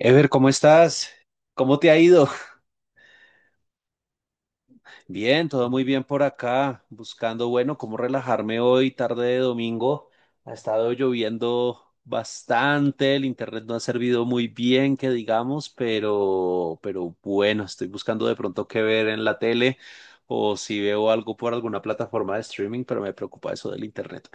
Ever, ¿cómo estás? ¿Cómo te ha ido? Bien, todo muy bien por acá, buscando, bueno, cómo relajarme hoy, tarde de domingo. Ha estado lloviendo bastante, el internet no ha servido muy bien, que digamos, pero bueno, estoy buscando de pronto qué ver en la tele o si veo algo por alguna plataforma de streaming, pero me preocupa eso del internet.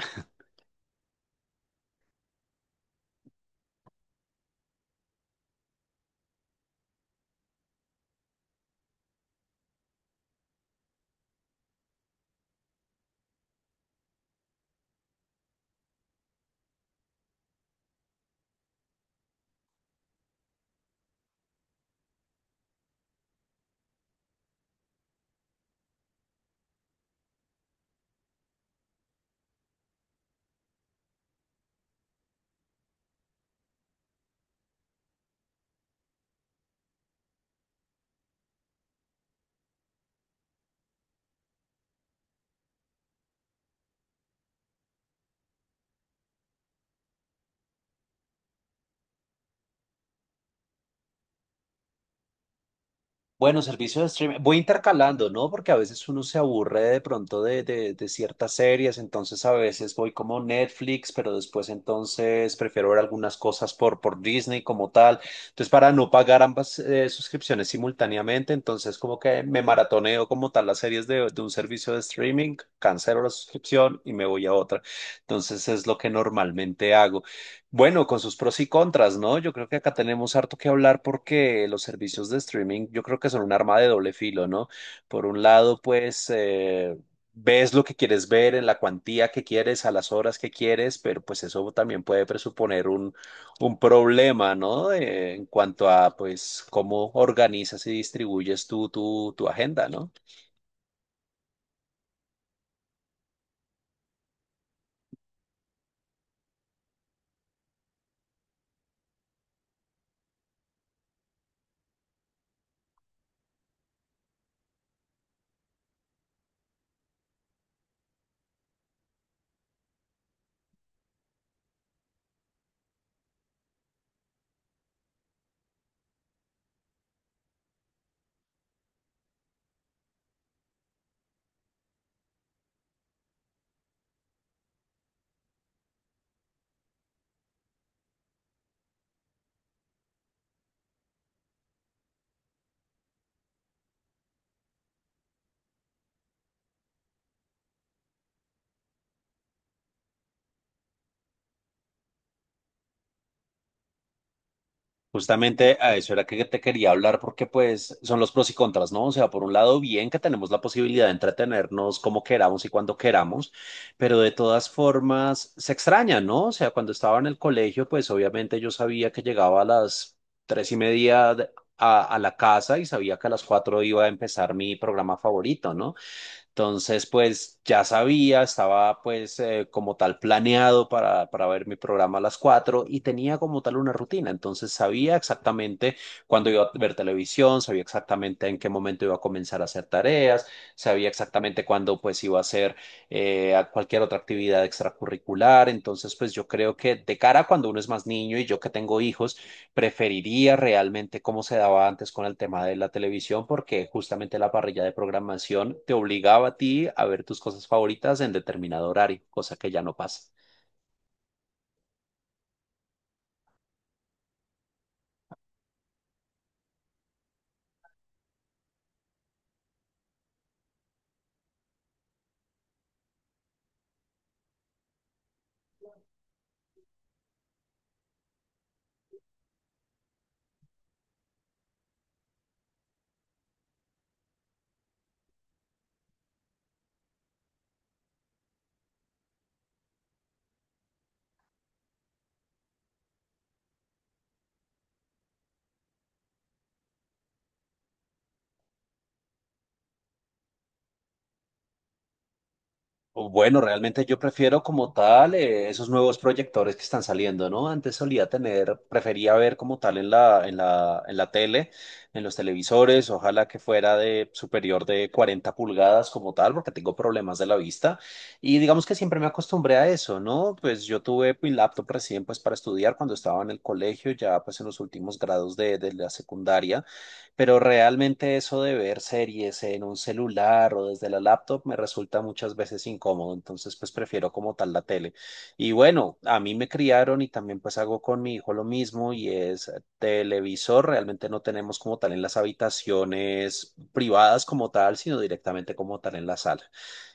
Bueno, servicio de streaming. Voy intercalando, ¿no? Porque a veces uno se aburre de pronto de ciertas series, entonces a veces voy como Netflix, pero después entonces prefiero ver algunas cosas por Disney como tal. Entonces, para no pagar ambas suscripciones simultáneamente, entonces como que me maratoneo como tal las series de un servicio de streaming, cancelo la suscripción y me voy a otra. Entonces es lo que normalmente hago. Bueno, con sus pros y contras, ¿no? Yo creo que acá tenemos harto que hablar porque los servicios de streaming yo creo que son un arma de doble filo, ¿no? Por un lado, pues ves lo que quieres ver en la cuantía que quieres, a las horas que quieres, pero pues eso también puede presuponer un problema, ¿no? En cuanto a pues cómo organizas y distribuyes tú tu agenda, ¿no? Justamente a eso era que te quería hablar porque pues son los pros y contras, ¿no? O sea, por un lado, bien que tenemos la posibilidad de entretenernos como queramos y cuando queramos, pero de todas formas se extraña, ¿no? O sea, cuando estaba en el colegio, pues obviamente yo sabía que llegaba a las 3:30 a la casa y sabía que a las 4 iba a empezar mi programa favorito, ¿no? Entonces, pues ya sabía, estaba pues como tal planeado para ver mi programa a las 4 y tenía como tal una rutina. Entonces sabía exactamente cuándo iba a ver televisión, sabía exactamente en qué momento iba a comenzar a hacer tareas, sabía exactamente cuándo pues iba a hacer a cualquier otra actividad extracurricular. Entonces, pues yo creo que de cara a cuando uno es más niño y yo que tengo hijos, preferiría realmente cómo se daba antes con el tema de la televisión, porque justamente la parrilla de programación te obligaba a ti a ver tus cosas favoritas en determinado horario, cosa que ya no pasa. O bueno, realmente yo prefiero como tal esos nuevos proyectores que están saliendo, ¿no? Antes solía tener, prefería ver como tal en la tele, en los televisores, ojalá que fuera de superior de 40 pulgadas como tal, porque tengo problemas de la vista. Y digamos que siempre me acostumbré a eso, ¿no? Pues yo tuve mi laptop recién pues para estudiar cuando estaba en el colegio, ya pues en los últimos grados de la secundaria. Pero realmente eso de ver series en un celular o desde la laptop me resulta muchas veces incómodo, entonces pues prefiero como tal la tele. Y bueno, a mí me criaron y también pues hago con mi hijo lo mismo y es televisor, realmente no tenemos como tal en las habitaciones privadas como tal, sino directamente como tal en la sala.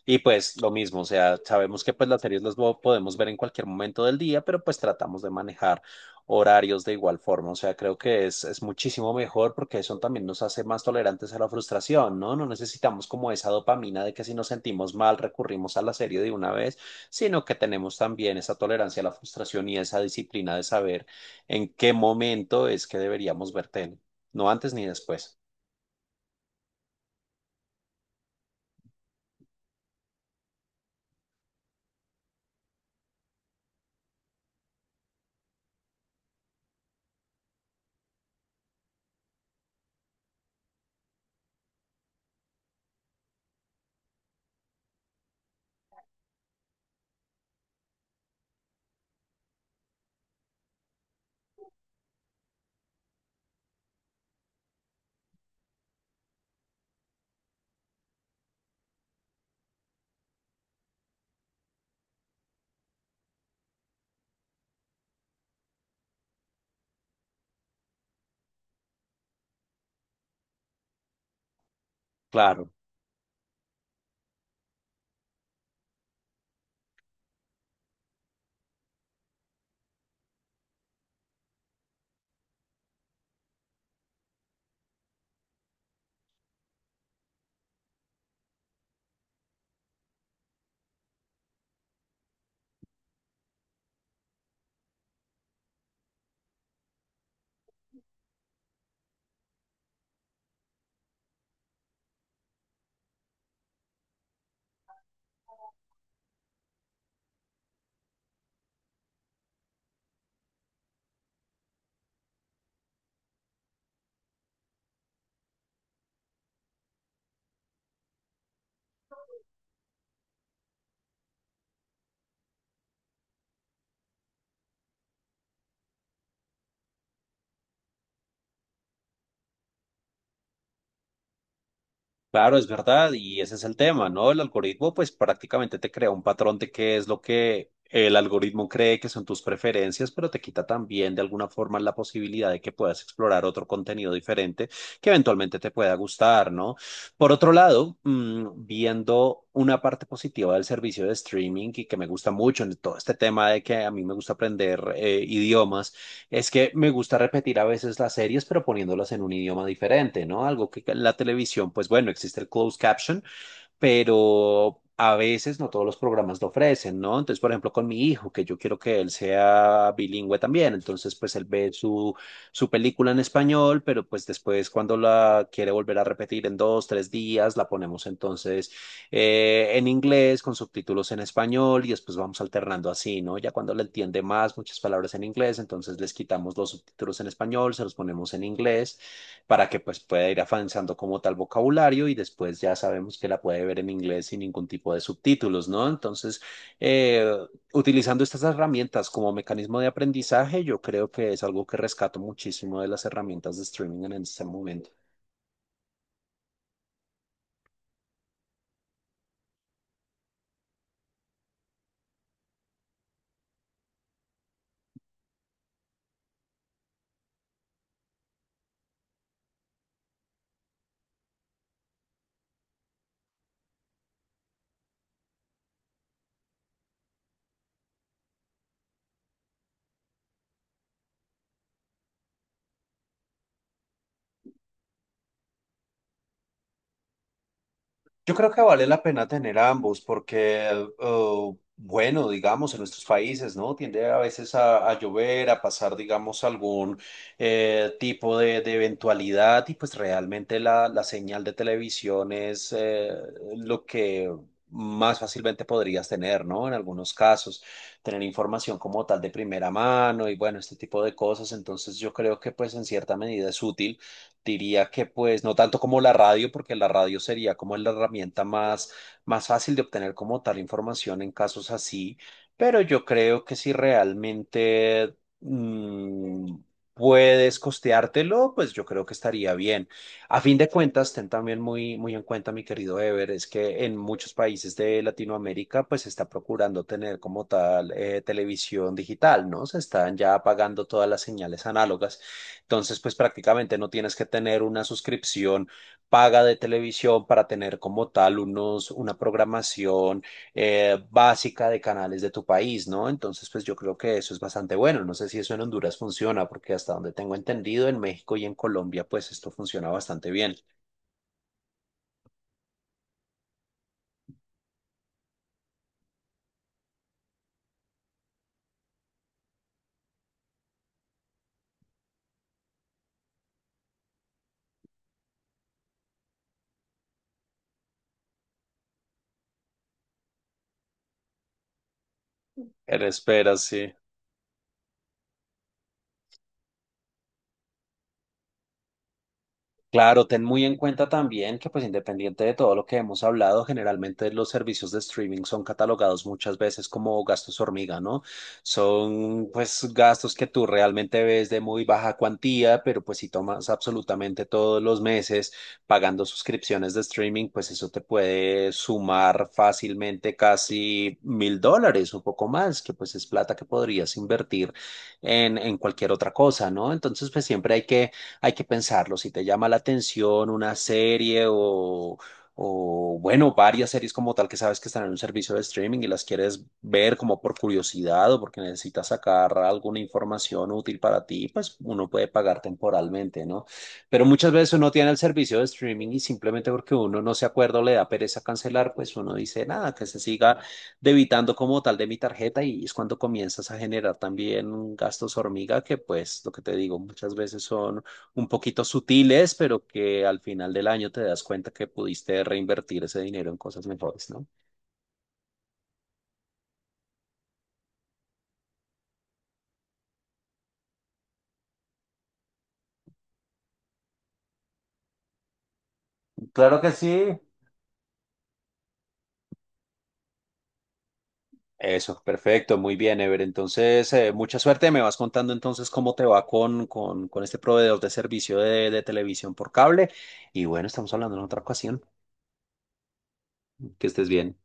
Y pues lo mismo, o sea, sabemos que pues las series las podemos ver en cualquier momento del día, pero pues tratamos de manejar horarios de igual forma. O sea, creo que es muchísimo mejor porque eso también nos hace más tolerantes a la frustración, ¿no? No necesitamos como esa dopamina de que si nos sentimos mal recurrimos a la serie de una vez, sino que tenemos también esa tolerancia a la frustración y esa disciplina de saber en qué momento es que deberíamos ver tele, no antes ni después. Claro. Claro, es verdad, y ese es el tema, ¿no? El algoritmo, pues prácticamente te crea un patrón de qué es lo que el algoritmo cree que son tus preferencias, pero te quita también de alguna forma la posibilidad de que puedas explorar otro contenido diferente que eventualmente te pueda gustar, ¿no? Por otro lado, viendo una parte positiva del servicio de streaming y que me gusta mucho en todo este tema de que a mí me gusta aprender idiomas. Es que me gusta repetir a veces las series, pero poniéndolas en un idioma diferente, ¿no? Algo que la televisión, pues bueno, existe el closed caption, pero a veces no todos los programas lo ofrecen, ¿no? Entonces, por ejemplo, con mi hijo, que yo quiero que él sea bilingüe también, entonces pues él ve su película en español, pero pues después cuando la quiere volver a repetir en dos, tres días, la ponemos entonces en inglés con subtítulos en español y después vamos alternando así, ¿no? Ya cuando le entiende más muchas palabras en inglés, entonces les quitamos los subtítulos en español, se los ponemos en inglés para que pues pueda ir avanzando como tal vocabulario y después ya sabemos que la puede ver en inglés sin ningún tipo de subtítulos, ¿no? Entonces, eh, utilizando estas herramientas como mecanismo de aprendizaje, yo creo que es algo que rescato muchísimo de las herramientas de streaming en este momento. Yo creo que vale la pena tener ambos porque, bueno, digamos, en nuestros países, ¿no? Tiende a veces a llover, a pasar, digamos, algún tipo de eventualidad y pues realmente la señal de televisión es lo que más fácilmente podrías tener, ¿no? En algunos casos, tener información como tal de primera mano y bueno, este tipo de cosas. Entonces yo creo que pues en cierta medida es útil. Diría que pues no tanto como la radio, porque la radio sería como la herramienta más fácil de obtener como tal información en casos así, pero yo creo que si realmente mm, puedes costeártelo, pues yo creo que estaría bien. A fin de cuentas, ten también muy, muy en cuenta, mi querido Ever, es que en muchos países de Latinoamérica pues se está procurando tener como tal televisión digital, ¿no? Se están ya apagando todas las señales análogas. Entonces, pues prácticamente no tienes que tener una suscripción paga de televisión para tener como tal una programación básica de canales de tu país, ¿no? Entonces, pues yo creo que eso es bastante bueno. No sé si eso en Honduras funciona, porque hasta donde tengo entendido, en México y en Colombia, pues esto funciona bastante bien. En espera, sí. Claro, ten muy en cuenta también que pues independiente de todo lo que hemos hablado, generalmente los servicios de streaming son catalogados muchas veces como gastos hormiga, ¿no? Son pues gastos que tú realmente ves de muy baja cuantía, pero pues si tomas absolutamente todos los meses pagando suscripciones de streaming, pues eso te puede sumar fácilmente casi 1.000 dólares, un poco más, que pues es plata que podrías invertir en cualquier otra cosa, ¿no? Entonces pues siempre hay que pensarlo. Si te llama la atención una serie o, bueno, varias series como tal que sabes que están en un servicio de streaming y las quieres ver como por curiosidad o porque necesitas sacar alguna información útil para ti, pues uno puede pagar temporalmente, ¿no? Pero muchas veces uno tiene el servicio de streaming y simplemente porque uno no se acuerda o le da pereza cancelar, pues uno dice nada, que se siga debitando como tal de mi tarjeta y es cuando comienzas a generar también gastos hormiga que pues lo que te digo muchas veces son un poquito sutiles, pero que al final del año te das cuenta que pudiste reinvertir ese dinero en cosas mejores, ¿no? Claro que sí. Eso, perfecto, muy bien, Ever. Entonces, mucha suerte. Me vas contando entonces cómo te va con este proveedor de servicio de televisión por cable. Y bueno, estamos hablando en otra ocasión. Que estés bien.